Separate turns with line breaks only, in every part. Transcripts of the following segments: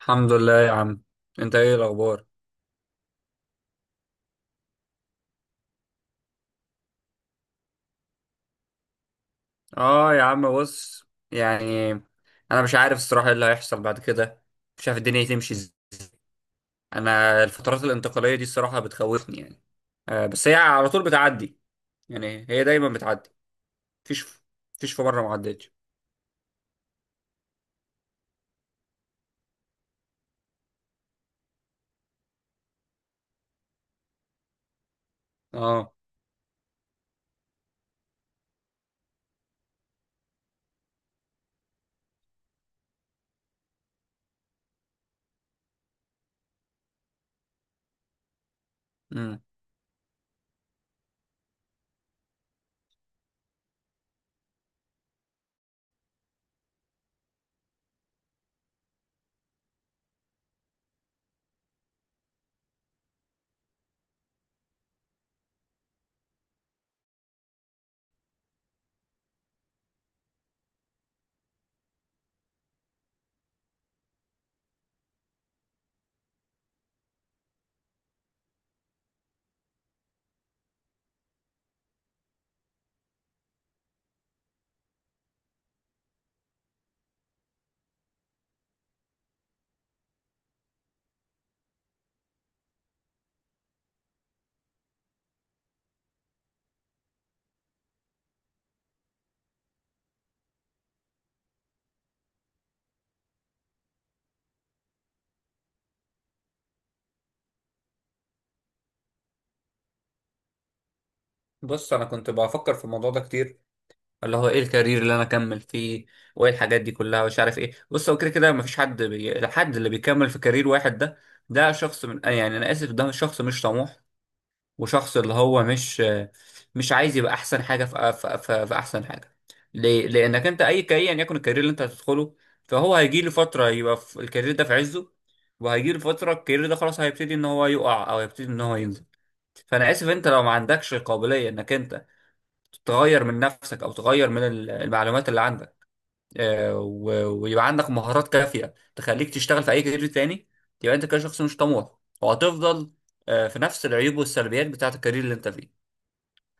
الحمد لله يا عم. انت ايه الاخبار؟ اه يا عم بص، يعني انا مش عارف الصراحه ايه اللي هيحصل بعد كده. مش عارف الدنيا تمشي ازاي. انا الفترات الانتقاليه دي الصراحه بتخوفني يعني. بس هي على طول بتعدي. يعني هي دايما بتعدي. مفيش مفيش في مره ما عدتش. اه. امم بص انا كنت بفكر في الموضوع ده كتير، اللي هو ايه الكارير اللي انا اكمل فيه، وايه الحاجات دي كلها، ومش عارف ايه. بص، هو كده كده مفيش حد الحد اللي بيكمل في كارير واحد ده، ده شخص من آه يعني انا اسف، ده شخص مش طموح، وشخص اللي هو مش عايز يبقى احسن حاجه في احسن حاجه. ليه؟ لانك انت اي كاي يعني يكن الكارير اللي انت هتدخله، فهو هيجي له فتره يبقى في الكارير ده في عزه، وهيجي له فتره الكارير ده خلاص هيبتدي ان هو يقع او هيبتدي ان هو ينزل. فانا اسف، انت لو ما عندكش قابليه انك انت تغير من نفسك او تغير من المعلومات اللي عندك، آه، و- ويبقى عندك مهارات كافيه تخليك تشتغل في اي كارير تاني، يبقى انت كده شخص مش طموح. وهتفضل في نفس العيوب والسلبيات بتاعت الكارير اللي انت فيه.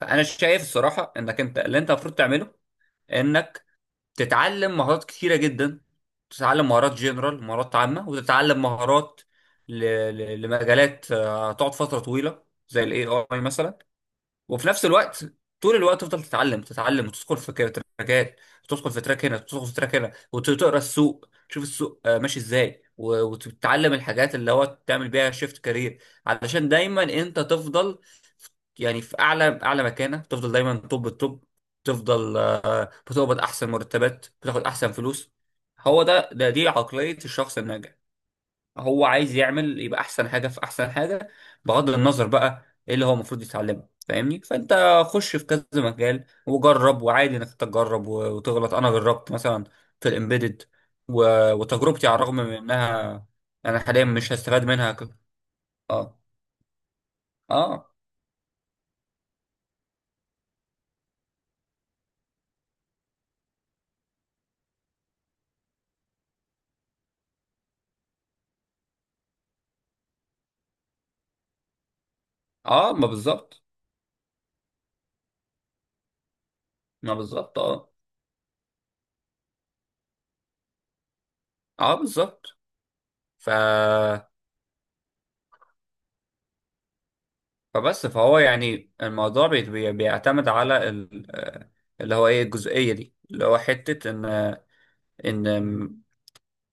فانا شايف الصراحه انك انت اللي انت المفروض تعمله، انك تتعلم مهارات كتيره جدا. تتعلم مهارات جنرال، مهارات عامه، وتتعلم مهارات ل- ل- لمجالات هتقعد فتره طويله زي الاي اي مثلا. وفي نفس الوقت طول الوقت تفضل تتعلم تتعلم، وتدخل في كده تراكات، وتدخل في تراك هنا، وتدخل في تراك هنا، وتقرا السوق، تشوف السوق ماشي ازاي، و- وتتعلم الحاجات اللي هو تعمل بيها شيفت كارير. علشان دايما انت تفضل يعني في اعلى اعلى مكانه، تفضل دايما توب التوب، تفضل بتقبض احسن مرتبات، بتاخد احسن فلوس. هو ده، دي عقلية الشخص الناجح. هو عايز يعمل يبقى احسن حاجه في احسن حاجه، بغض النظر بقى ايه اللي هو المفروض يتعلمه. فاهمني؟ فانت خش في كذا مجال وجرب، وعادي انك تجرب و- وتغلط. انا جربت مثلا في الامبيدد، وتجربتي على الرغم من انها انا حاليا مش هستفاد منها اه. اه اه. ما بالظبط. ما بالظبط. اه اه، بالظبط. ف فبس فهو يعني الموضوع بيعتمد على اللي هو ايه الجزئيه دي، اللي هو حته ان م-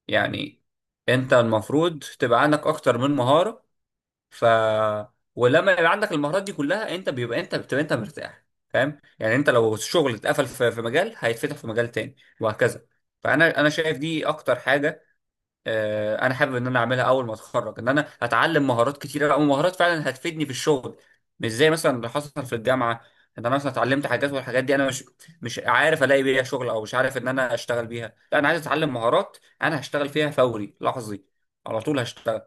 يعني انت المفروض تبقى عندك اكتر من مهارة. ف ولما يبقى عندك المهارات دي كلها، انت بتبقى انت مرتاح. فاهم؟ يعني انت لو الشغل اتقفل في مجال هيتفتح في مجال تاني، وهكذا. فانا شايف دي اكتر حاجة انا حابب ان انا اعملها اول ما اتخرج، ان انا اتعلم مهارات كتيره بقى، ومهارات فعلا هتفيدني في الشغل، مش زي مثلا اللي حصل في الجامعه ان انا مثلا اتعلمت حاجات والحاجات دي انا مش عارف الاقي بيها شغل، او مش عارف ان انا اشتغل بيها. لا، انا عايز اتعلم مهارات انا هشتغل فيها فوري لحظي، على طول هشتغل.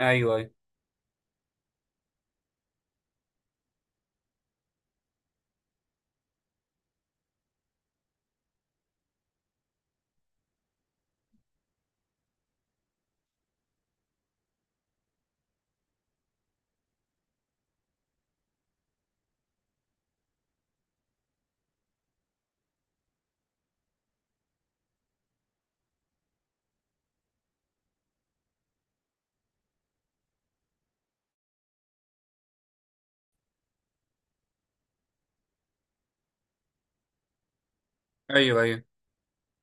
ايوه ايوه. ايوه ايوه.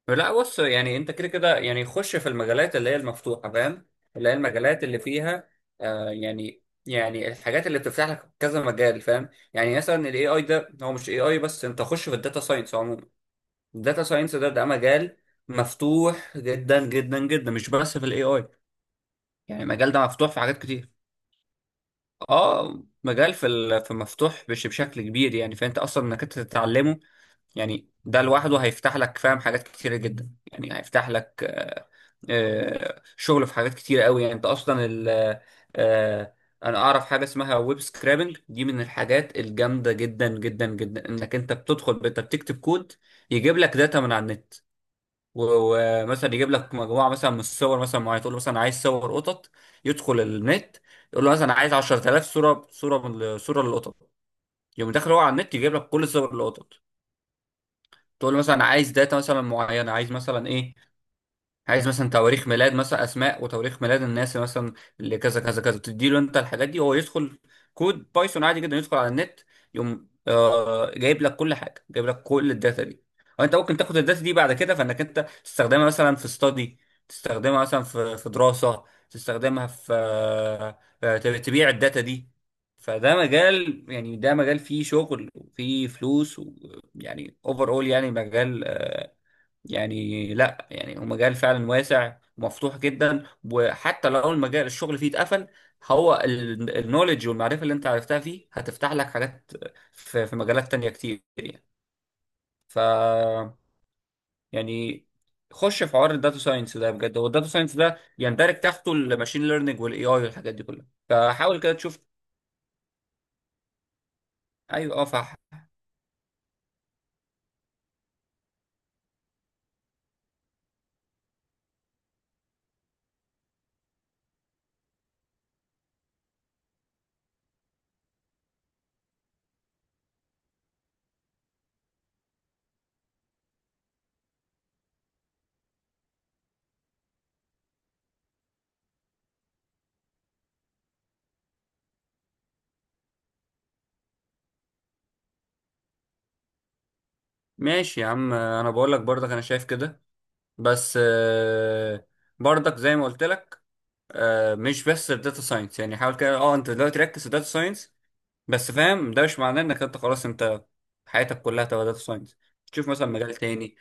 لا بص، يعني انت كده كده يعني خش في المجالات اللي هي المفتوحه. فاهم؟ اللي هي المجالات اللي فيها يعني الحاجات اللي بتفتح لك كذا مجال. فاهم؟ يعني مثلا الاي اي ده، هو مش اي اي بس، انت خش في الداتا ساينس عموما. الداتا ساينس ده مجال مفتوح جدا جدا جدا، مش بس في الاي اي. يعني المجال ده مفتوح في حاجات كتير. اه، مجال في ال- في مفتوح بشكل كبير يعني. فانت اصلا انك انت تتعلمه يعني ده لوحده هيفتح لك، فاهم، حاجات كتيرة جدا. يعني هيفتح لك شغل في حاجات كتيرة قوي يعني. انت اصلا ال آه، آه، انا اعرف حاجة اسمها ويب سكرابنج، دي من الحاجات الجامدة جدا جدا جدا. انك انت بتدخل انت بتكتب كود يجيب لك داتا من على النت، و- ومثلا يجيب لك مجموعة مثلا من الصور مثلا معينة. تقول له مثلا عايز صور قطط، يدخل النت. يقول له مثلا عايز 10000 صورة للقطط، يقوم داخل هو على النت يجيب لك كل صور القطط. تقول له مثلا عايز داتا مثلا معينه، عايز مثلا ايه، عايز مثلا تواريخ ميلاد، مثلا اسماء وتواريخ ميلاد الناس مثلا اللي كذا كذا كذا. بتدي له انت الحاجات دي، هو يدخل كود بايثون عادي جدا، يدخل على النت، يقوم جايب لك كل حاجه، جايب لك كل الداتا دي. وانت ممكن تاخد الداتا دي بعد كده، فانك انت تستخدمها مثلا في ستادي، تستخدمها مثلا في دراسه، تستخدمها في تبيع الداتا دي. فده مجال، يعني ده مجال فيه شغل وفيه فلوس. ويعني اوفر اول، يعني مجال يعني لا، يعني هو مجال فعلا واسع ومفتوح جدا. وحتى لو المجال الشغل فيه اتقفل، هو النولج والمعرفة اللي انت عرفتها فيه هتفتح لك حاجات في مجالات تانية كتير يعني. ف يعني خش في حوار الداتا ساينس ده بجد. هو الداتا ساينس ده يندرج تحته الماشين ليرنينج والاي اي والحاجات دي كلها، فحاول كده تشوف. ايوه اه. ماشي يا عم، انا بقول لك برضك انا شايف كده. بس برضك زي ما قلت لك مش بس في داتا ساينس يعني. حاول كده انت دلوقتي ركز في داتا ساينس بس، فاهم؟ ده مش معناه انك انت خلاص انت حياتك كلها تبقى داتا ساينس. تشوف مثلا مجال تاني.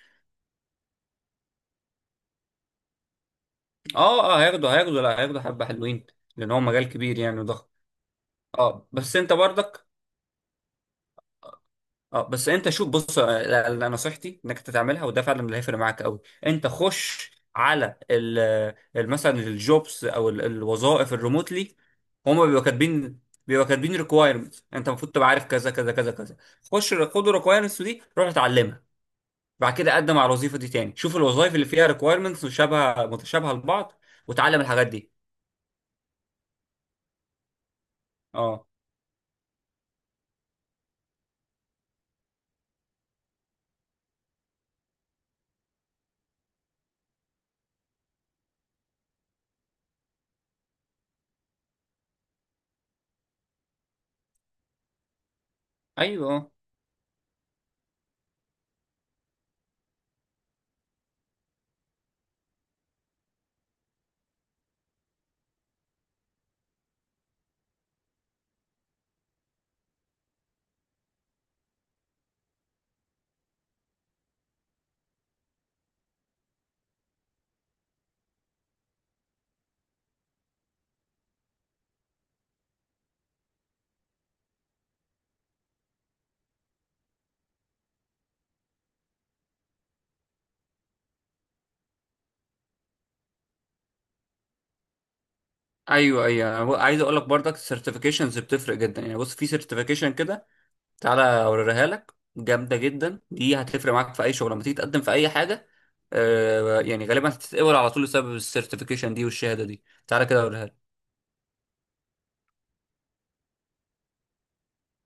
اه اه، هياخدوا لا، هياخدوا حبة حلوين، لان هو مجال كبير يعني وضخم. اه بس انت برضك. اه بس انت شوف بص لا، نصيحتي انك أنت تعملها، وده فعلا اللي هيفرق معاك قوي. انت خش على مثلا الجوبس او الوظائف الريموتلي. هما بيبقوا كاتبين، بيبقوا كاتبين ريكوايرمنت، انت المفروض تبقى عارف كذا كذا كذا كذا. خش، خد الريكوايرمنتس دي، روح اتعلمها. بعد كده قدم على الوظيفه دي تاني، شوف الوظائف اللي فيها ريكوايرمنتس مشابهه متشابهه لبعض، وتعلم الحاجات دي. اه. ايوه ايوه ايوه. عايز اقول لك برضك السيرتيفيكيشنز بتفرق جدا يعني. بص، في سيرتيفيكيشن كده، تعالى اوريها لك، جامده جدا دي، هتفرق معاك في اي شغل لما تيجي تقدم في اي حاجه. يعني غالبا هتتقبل على طول بسبب السيرتيفيكيشن دي والشهاده دي. تعالى كده اوريها لك.